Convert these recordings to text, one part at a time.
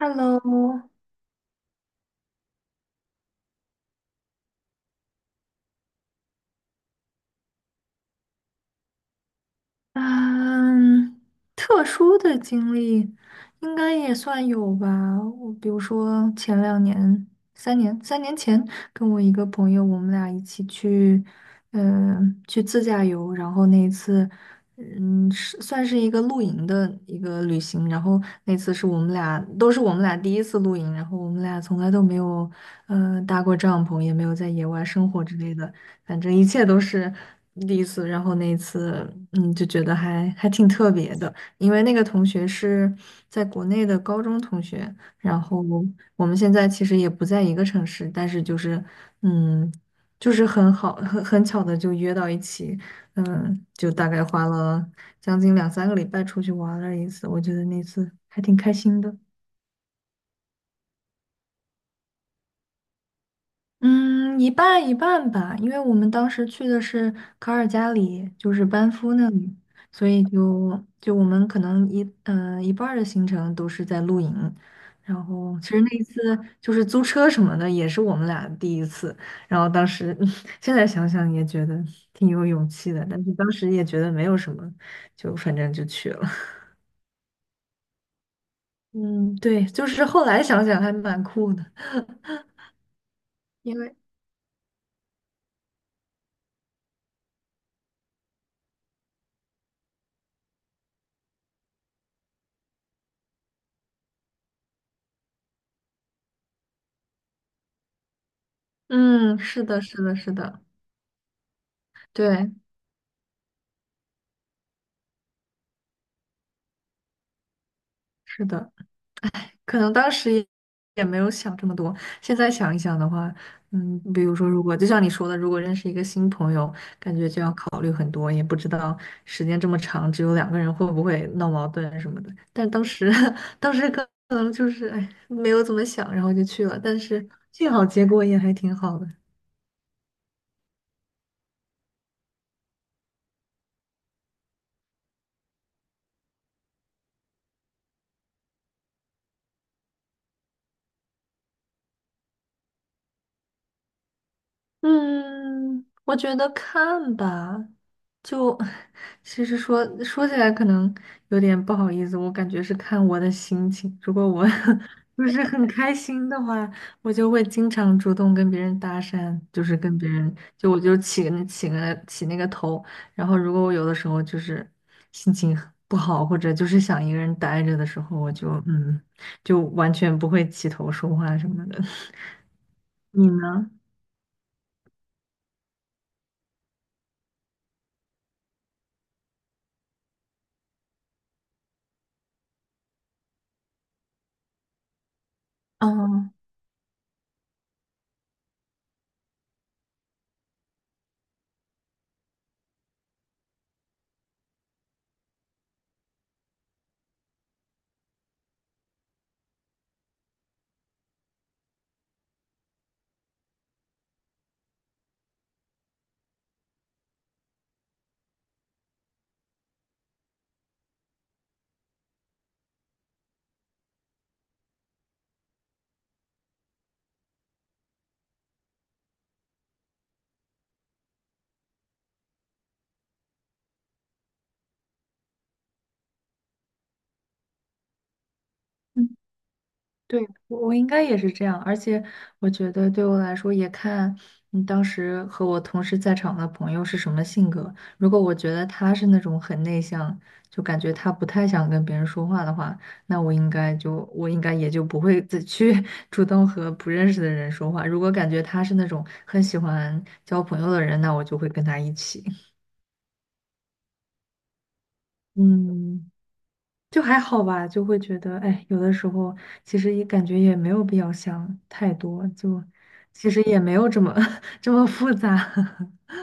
Hello，嗯，特殊的经历应该也算有吧。我比如说前两年、三年、三年前，跟我一个朋友，我们俩一起去，去自驾游。然后那一次，是算是一个露营的一个旅行。然后那次是我们俩第一次露营，然后我们俩从来都没有，搭过帐篷，也没有在野外生活之类的。反正一切都是第一次。然后那一次，就觉得还挺特别的，因为那个同学是在国内的高中同学，然后我们现在其实也不在一个城市，但是嗯，就是很好，很巧的就约到一起，就大概花了将近两三个礼拜出去玩了一次，我觉得那次还挺开心的。嗯，一半一半吧，因为我们当时去的是卡尔加里，就是班夫那里，所以就我们可能一半儿的行程都是在露营，然后其实那一次就是租车什么的也是我们俩第一次，然后当时 现在想想也觉得挺有勇气的，但是当时也觉得没有什么，就反正就去了。嗯，对，就是后来想想还蛮酷的，因为嗯，是的，是的，是的，对，是的。可能当时也没有想这么多，现在想一想的话，嗯，比如说，如果就像你说的，如果认识一个新朋友，感觉就要考虑很多，也不知道时间这么长，只有两个人会不会闹矛盾什么的。但当时，当时可能就是哎，没有怎么想，然后就去了，但是幸好结果也还挺好的。嗯，我觉得看吧，就 其实说起来可能有点不好意思，我感觉是看我的心情。如果我 就是很开心的话，我就会经常主动跟别人搭讪，就是跟别人就我就起那个头。然后如果我有的时候就是心情很不好，或者就是想一个人待着的时候，我就嗯，就完全不会起头说话什么的。你呢？哦。对，我应该也是这样，而且我觉得对我来说也看你当时和我同时在场的朋友是什么性格。如果我觉得他是那种很内向，就感觉他不太想跟别人说话的话，那我应该也就不会再去 主动和不认识的人说话。如果感觉他是那种很喜欢交朋友的人，那我就会跟他一起。嗯。就还好吧，就会觉得，哎，有的时候其实也感觉也没有必要想太多，就其实也没有这么复杂。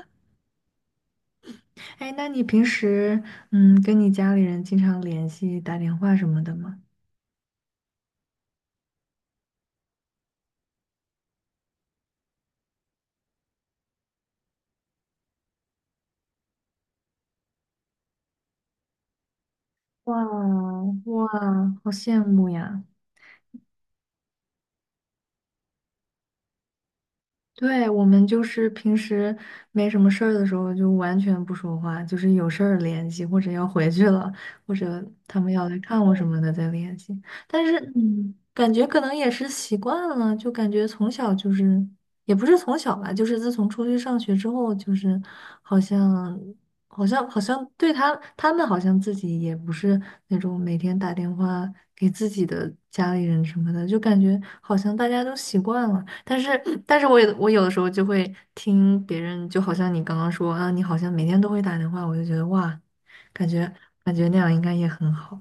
哎，那你平时跟你家里人经常联系、打电话什么的吗？哇哇，好羡慕呀！对，我们就是平时没什么事儿的时候，就完全不说话，就是有事儿联系，或者要回去了，或者他们要来看我什么的再联系。但是，嗯，感觉可能也是习惯了，就感觉从小就是，也不是从小吧，就是自从出去上学之后，就是好像。好像对他们好像自己也不是那种每天打电话给自己的家里人什么的，就感觉好像大家都习惯了。但是我有的时候就会听别人，就好像你刚刚说啊，你好像每天都会打电话，我就觉得哇，感觉那样应该也很好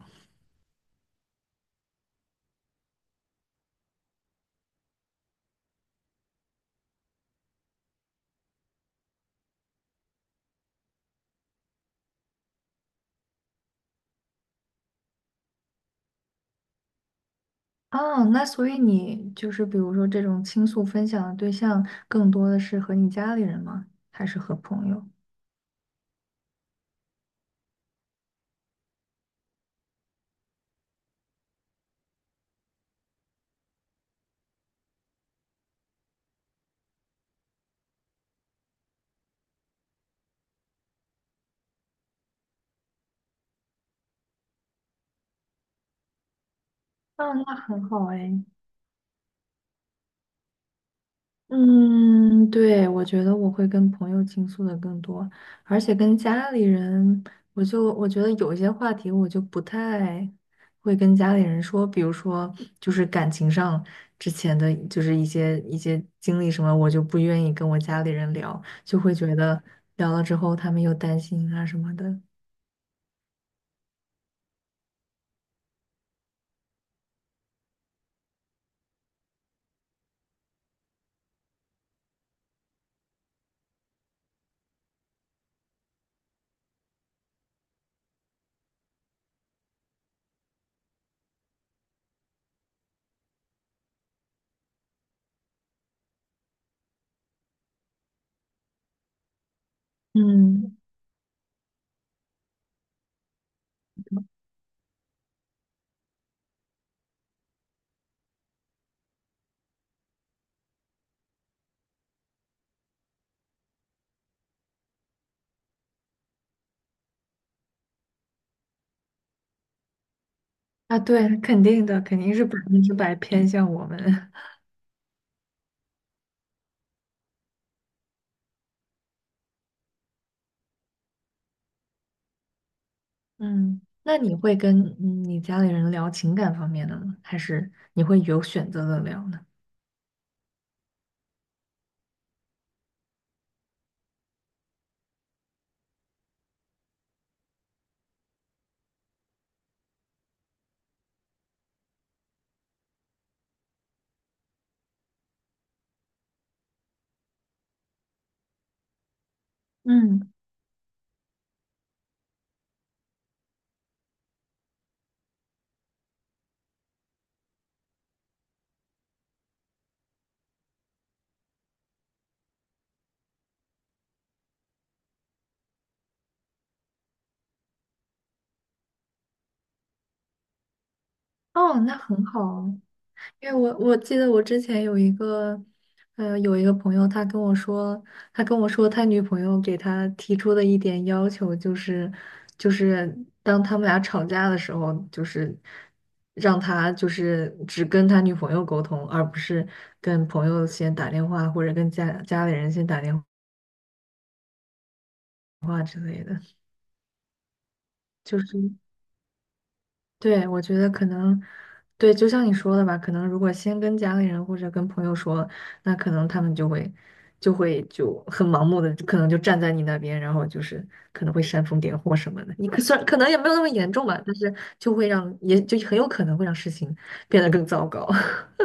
啊。那所以你就是比如说这种倾诉分享的对象，更多的是和你家里人吗？还是和朋友？啊，那很好哎。嗯，对，我觉得我会跟朋友倾诉的更多，而且跟家里人，我觉得有一些话题我就不太会跟家里人说，比如说就是感情上之前的就是一些经历什么，我就不愿意跟我家里人聊，就会觉得聊了之后他们又担心啊什么的。嗯，啊，对，肯定的，肯定是百分之百偏向我们。嗯，那你会跟你家里人聊情感方面的吗？还是你会有选择的聊呢？嗯，哦，那很好啊因为我记得我之前有一个，呃，有一个朋友，他跟我说，他跟我说他女朋友给他提出的一点要求就是，就是当他们俩吵架的时候，就是让他就是只跟他女朋友沟通，而不是跟朋友先打电话或者跟家里人先打电话之类的。就是对，我觉得可能对，就像你说的吧，可能如果先跟家里人或者跟朋友说，那可能他们就会就很盲目的，可能就站在你那边，然后就是可能会煽风点火什么的。你可算可能也没有那么严重吧，但是就会让也就很有可能会让事情变得更糟糕。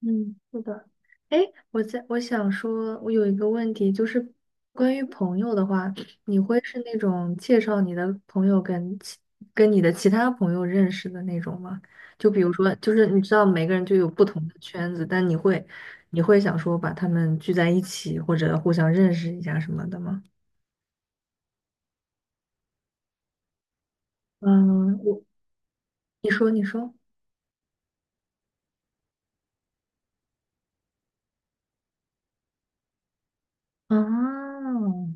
嗯，是的。哎，我想说，我有一个问题，就是关于朋友的话，你会是那种介绍你的朋友跟你的其他朋友认识的那种吗？就比如说，就是你知道每个人就有不同的圈子，但你会想说把他们聚在一起，或者互相认识一下什么的吗？嗯，我你说你说。哦，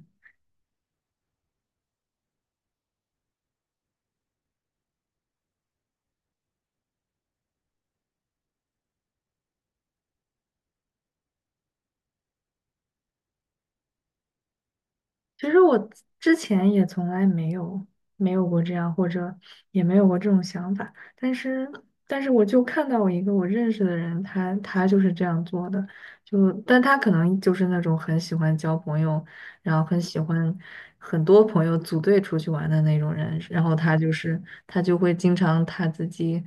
其实我之前也从来没有没有过这样，或者也没有过这种想法。但是，但是我就看到一个我认识的人，他就是这样做的。就，但他可能就是那种很喜欢交朋友，然后很喜欢很多朋友组队出去玩的那种人。然后他就会经常他自己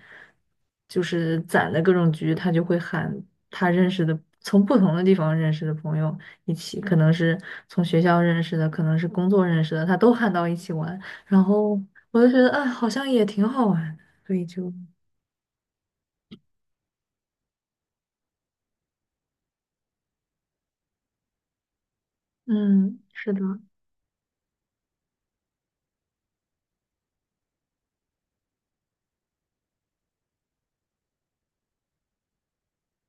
就是攒的各种局，他就会喊他认识的从不同的地方认识的朋友。一起，可能是从学校认识的，可能是工作认识的，他都喊到一起玩，然后我就觉得，哎，好像也挺好玩的所以就，嗯，是的，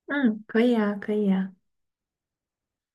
嗯，可以啊，可以啊。